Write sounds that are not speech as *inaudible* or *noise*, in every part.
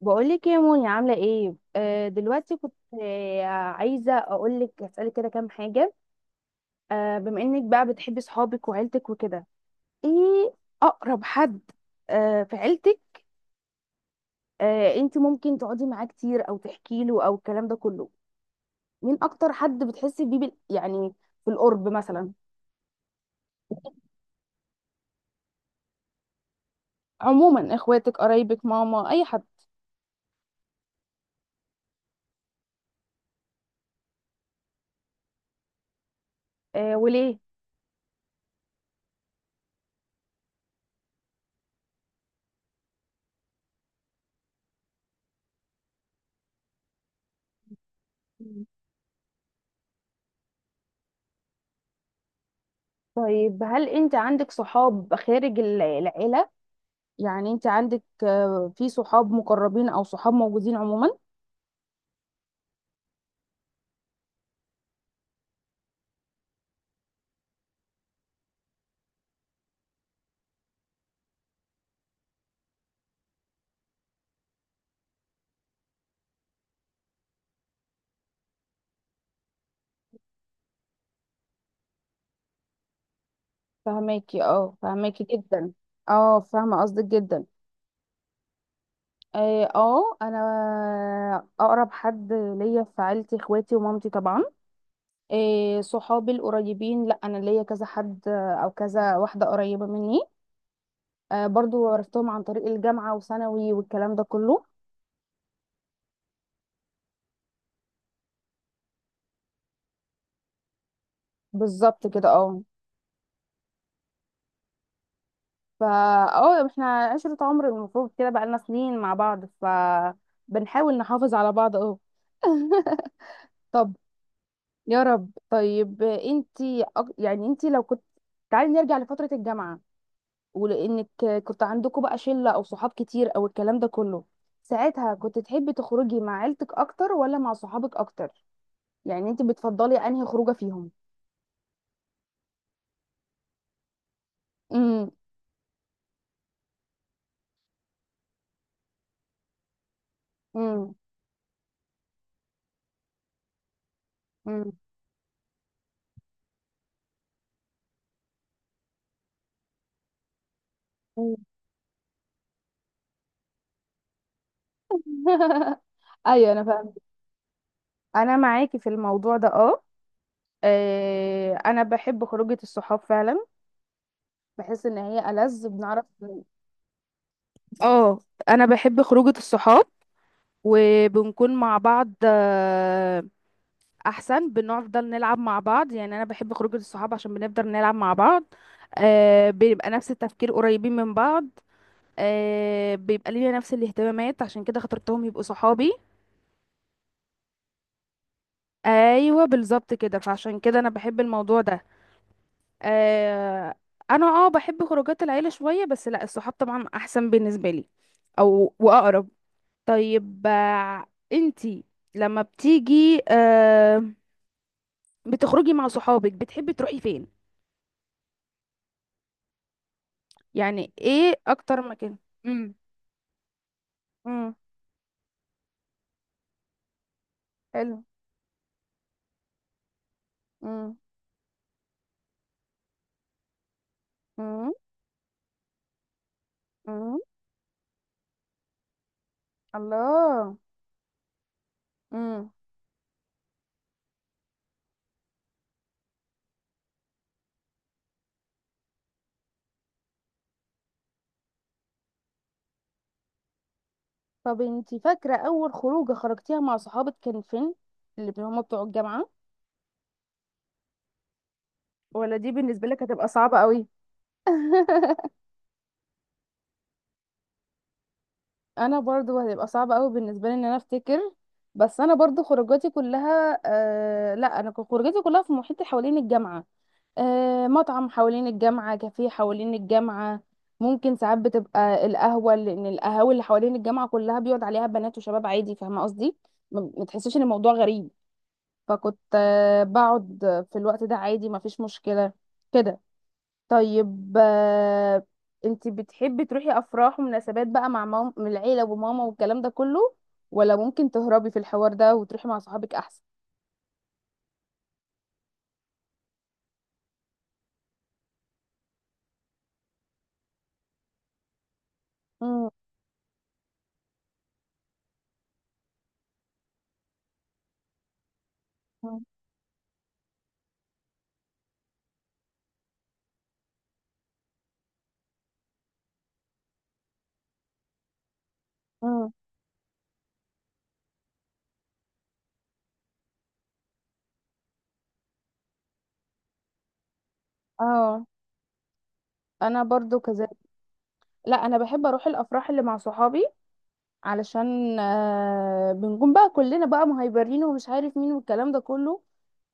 بقولك يا موني، عاملة ايه؟ دلوقتي كنت عايزة اقولك اسألك كده كام حاجة. بما انك بقى بتحبي صحابك وعيلتك وكده، ايه اقرب حد في عيلتك؟ انت ممكن تقعدي معاه كتير او تحكي له او الكلام ده كله؟ مين اكتر حد بتحسي بيه يعني في القرب مثلا؟ عموما اخواتك قرايبك ماما اي حد. وليه؟ مم. طيب هل انت عندك صحاب خارج العيلة؟ يعني انت عندك، في صحاب مقربين او صحاب موجودين عموما؟ فهماكي جدا. اه فاهمه قصدك جدا. اه، انا اقرب حد ليا في عيلتي اخواتي ومامتي طبعا. صحابي القريبين، لا انا ليا كذا حد، او كذا واحده قريبه مني. برضو عرفتهم عن طريق الجامعه وثانوي والكلام ده كله. بالظبط كده، اه. فا اه احنا عشرة عمر، المفروض كده بقالنا سنين مع بعض، ف بنحاول نحافظ على بعض اهو. *laughs* طب يا رب. طيب انتي، يعني انتي لو كنت، تعالي نرجع لفترة الجامعة، ولانك كنت عندكم بقى شلة او صحاب كتير او الكلام ده كله، ساعتها كنت تحبي تخرجي مع عيلتك اكتر ولا مع صحابك اكتر؟ يعني انتي بتفضلي انهي خروجة فيهم؟ امم. امم. امم. *laughs* ايوه انا فاهمه. انا معاكي في الموضوع ده، اه. انا بحب خروجة الصحاب فعلا. بحس ان هي ألذ، بنعرف. اه انا بحب خروجة الصحاب، وبنكون مع بعض احسن. بنفضل نلعب مع بعض، يعني انا بحب خروجة الصحاب عشان بنفضل نلعب مع بعض. بيبقى نفس التفكير، قريبين من بعض. بيبقى لينا نفس الاهتمامات، عشان كده خاطرتهم يبقوا صحابي. ايوه بالظبط كده، فعشان كده انا بحب الموضوع ده. آه انا اه بحب خروجات العيله شويه، بس لا، الصحاب طبعا احسن بالنسبه لي او واقرب. طيب، انتي لما بتيجي بتخرجي مع صحابك بتحبي تروحي فين؟ يعني ايه اكتر مكان؟ امم. امم. حلو. امم. امم. امم. الله. امم. طب انتي فاكره اول خروجه خرجتيها مع صحابك كان فين؟ اللي هما بتوع الجامعه؟ ولا دي بالنسبه لك هتبقى صعبه قوي؟ *laughs* انا برضو هتبقى صعبة قوي بالنسبة لي ان انا افتكر. بس انا برضو خروجاتي كلها، لا، انا كان خروجاتي كلها في محيط حوالين الجامعة. آه مطعم حوالين الجامعة، كافيه حوالين الجامعة. ممكن ساعات بتبقى القهوة، لان القهاوي اللي حوالين الجامعة كلها بيقعد عليها بنات وشباب عادي، فاهمة قصدي؟ ما تحسيش ان الموضوع غريب. فكنت بقعد في الوقت ده عادي، ما فيش مشكلة كده. طيب، انت بتحبي تروحي افراح ومناسبات بقى مع مام من العيله وماما والكلام ده كله، ولا ممكن تهربي في الحوار ده وتروحي مع صحابك احسن؟ مم. مم. مم. اه انا برضو كذلك. لا انا بحب اروح الافراح اللي مع صحابي علشان بنكون بقى كلنا بقى مهيبرين ومش عارف مين والكلام ده كله.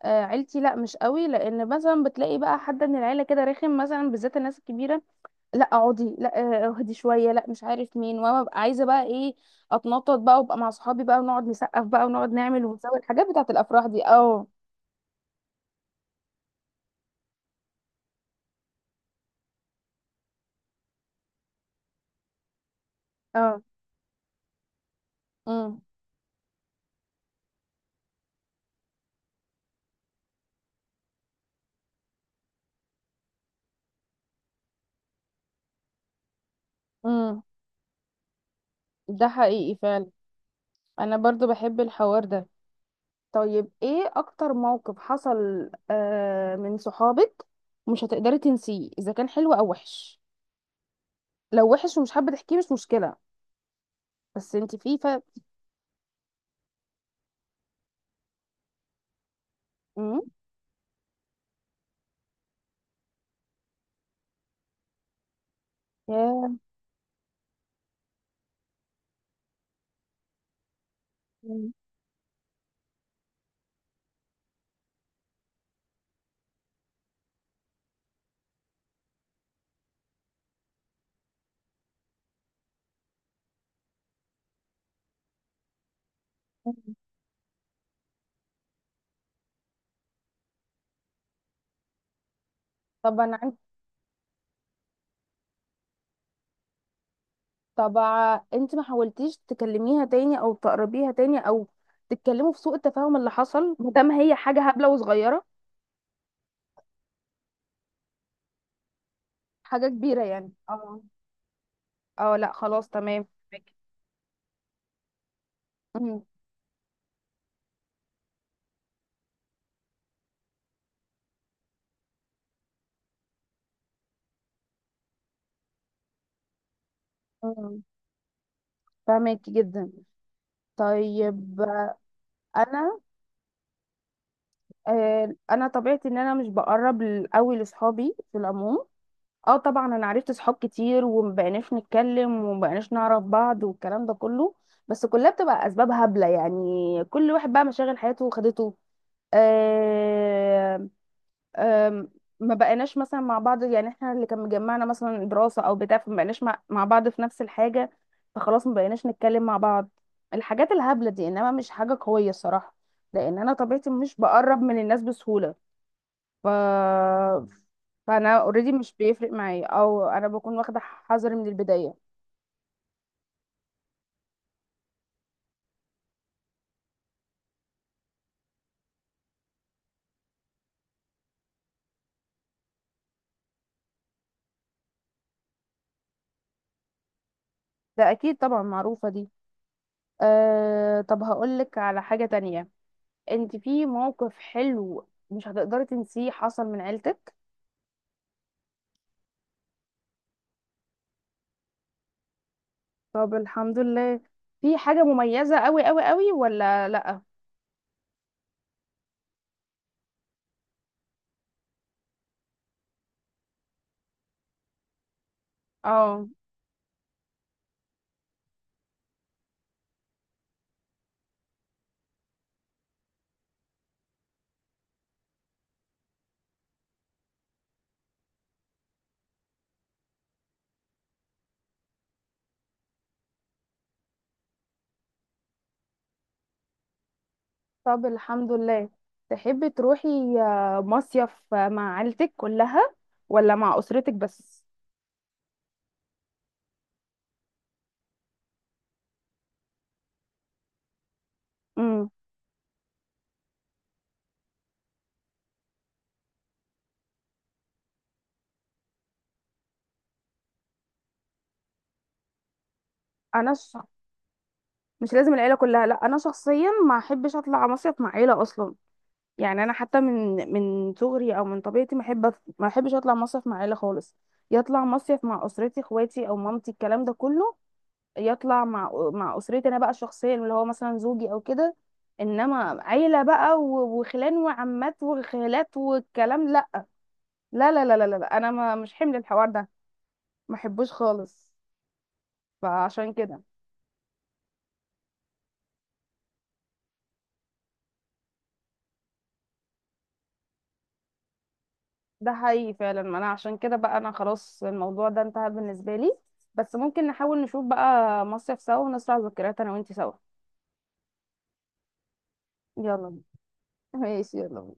آه عيلتي لا مش قوي، لان مثلا بتلاقي بقى حد من العيله كده رخم مثلا بالذات الناس الكبيره. لا اقعدي لا، اهدي شويه لا مش عارف مين، وانا ببقى عايزه بقى ايه؟ اتنطط بقى وابقى مع صحابي بقى، ونقعد نسقف بقى ونقعد نعمل ونسوي الحاجات بتاعت الافراح دي، اه. اه. امم. امم. ده حقيقي فعلا. انا برضو بحب الحوار ده. طيب ايه اكتر موقف حصل من صحابك مش هتقدري تنسيه، اذا كان حلو او وحش؟ لو وحش ومش حابه تحكيه مش مشكله. بس انت في ف. امم. ياه. *laughs* مم. طب انا عندي. طب انت ما حاولتيش تكلميها تاني او تقربيها تاني او تتكلموا في سوء التفاهم اللي حصل، ما دام هي حاجه هبله وصغيره؟ حاجه كبيره يعني، اه. اه لا خلاص تمام. فاكر. امم. امم. فاهمك جدا. طيب انا، انا طبيعتي ان انا مش بقرب قوي لاصحابي في العموم. اه طبعا انا عرفت صحاب كتير ومبقناش نتكلم ومبقناش نعرف بعض والكلام ده كله، بس كلها بتبقى اسباب هبله يعني. كل واحد بقى مشاغل حياته وخدته. آم، آم، ما بقيناش مثلا مع بعض، يعني احنا اللي كان مجمعنا مثلا دراسة او بتاع، فما بقيناش مع بعض في نفس الحاجة. فخلاص ما بقيناش نتكلم مع بعض. الحاجات الهبلة دي انما مش حاجة قوية الصراحة، لان انا طبيعتي مش بقرب من الناس بسهولة. ف... فانا اوريدي مش بيفرق معايا، او انا بكون واخدة حذري من البداية. ده اكيد طبعا معروفة دي. طب هقولك على حاجة تانية. انت في موقف حلو مش هتقدري تنسيه حصل من عيلتك؟ طب الحمد لله. في حاجة مميزة قوي قوي قوي ولا لأ؟ اه. طب الحمد لله. تحبي تروحي مصيف مع عيلتك كلها، ولا مع أسرتك بس؟ امم. انا ش... مش لازم العيلة كلها. لا انا شخصيا ما احبش اطلع مصيف مع عيلة اصلا. يعني انا حتى من صغري او من طبيعتي ما احب ما احبش اطلع مصيف مع عيلة خالص. يطلع مصيف مع اسرتي اخواتي او مامتي الكلام ده كله. يطلع مع اسرتي انا بقى شخصيا اللي هو مثلا زوجي او كده. انما عيله بقى وخلان وعمات وخالات والكلام لا. لا لا لا لا، لا. لا. انا ما مش حمل الحوار ده، ما احبوش خالص. فعشان كده، ده حقيقي فعلا. ما انا عشان كده بقى انا خلاص الموضوع ده انتهى بالنسبه لي، بس ممكن نحاول نشوف بقى مصيف سوا ونسرع ذكريات انا وانتي سوا. يلا بينا. *laughs* ماشي يلا بينا.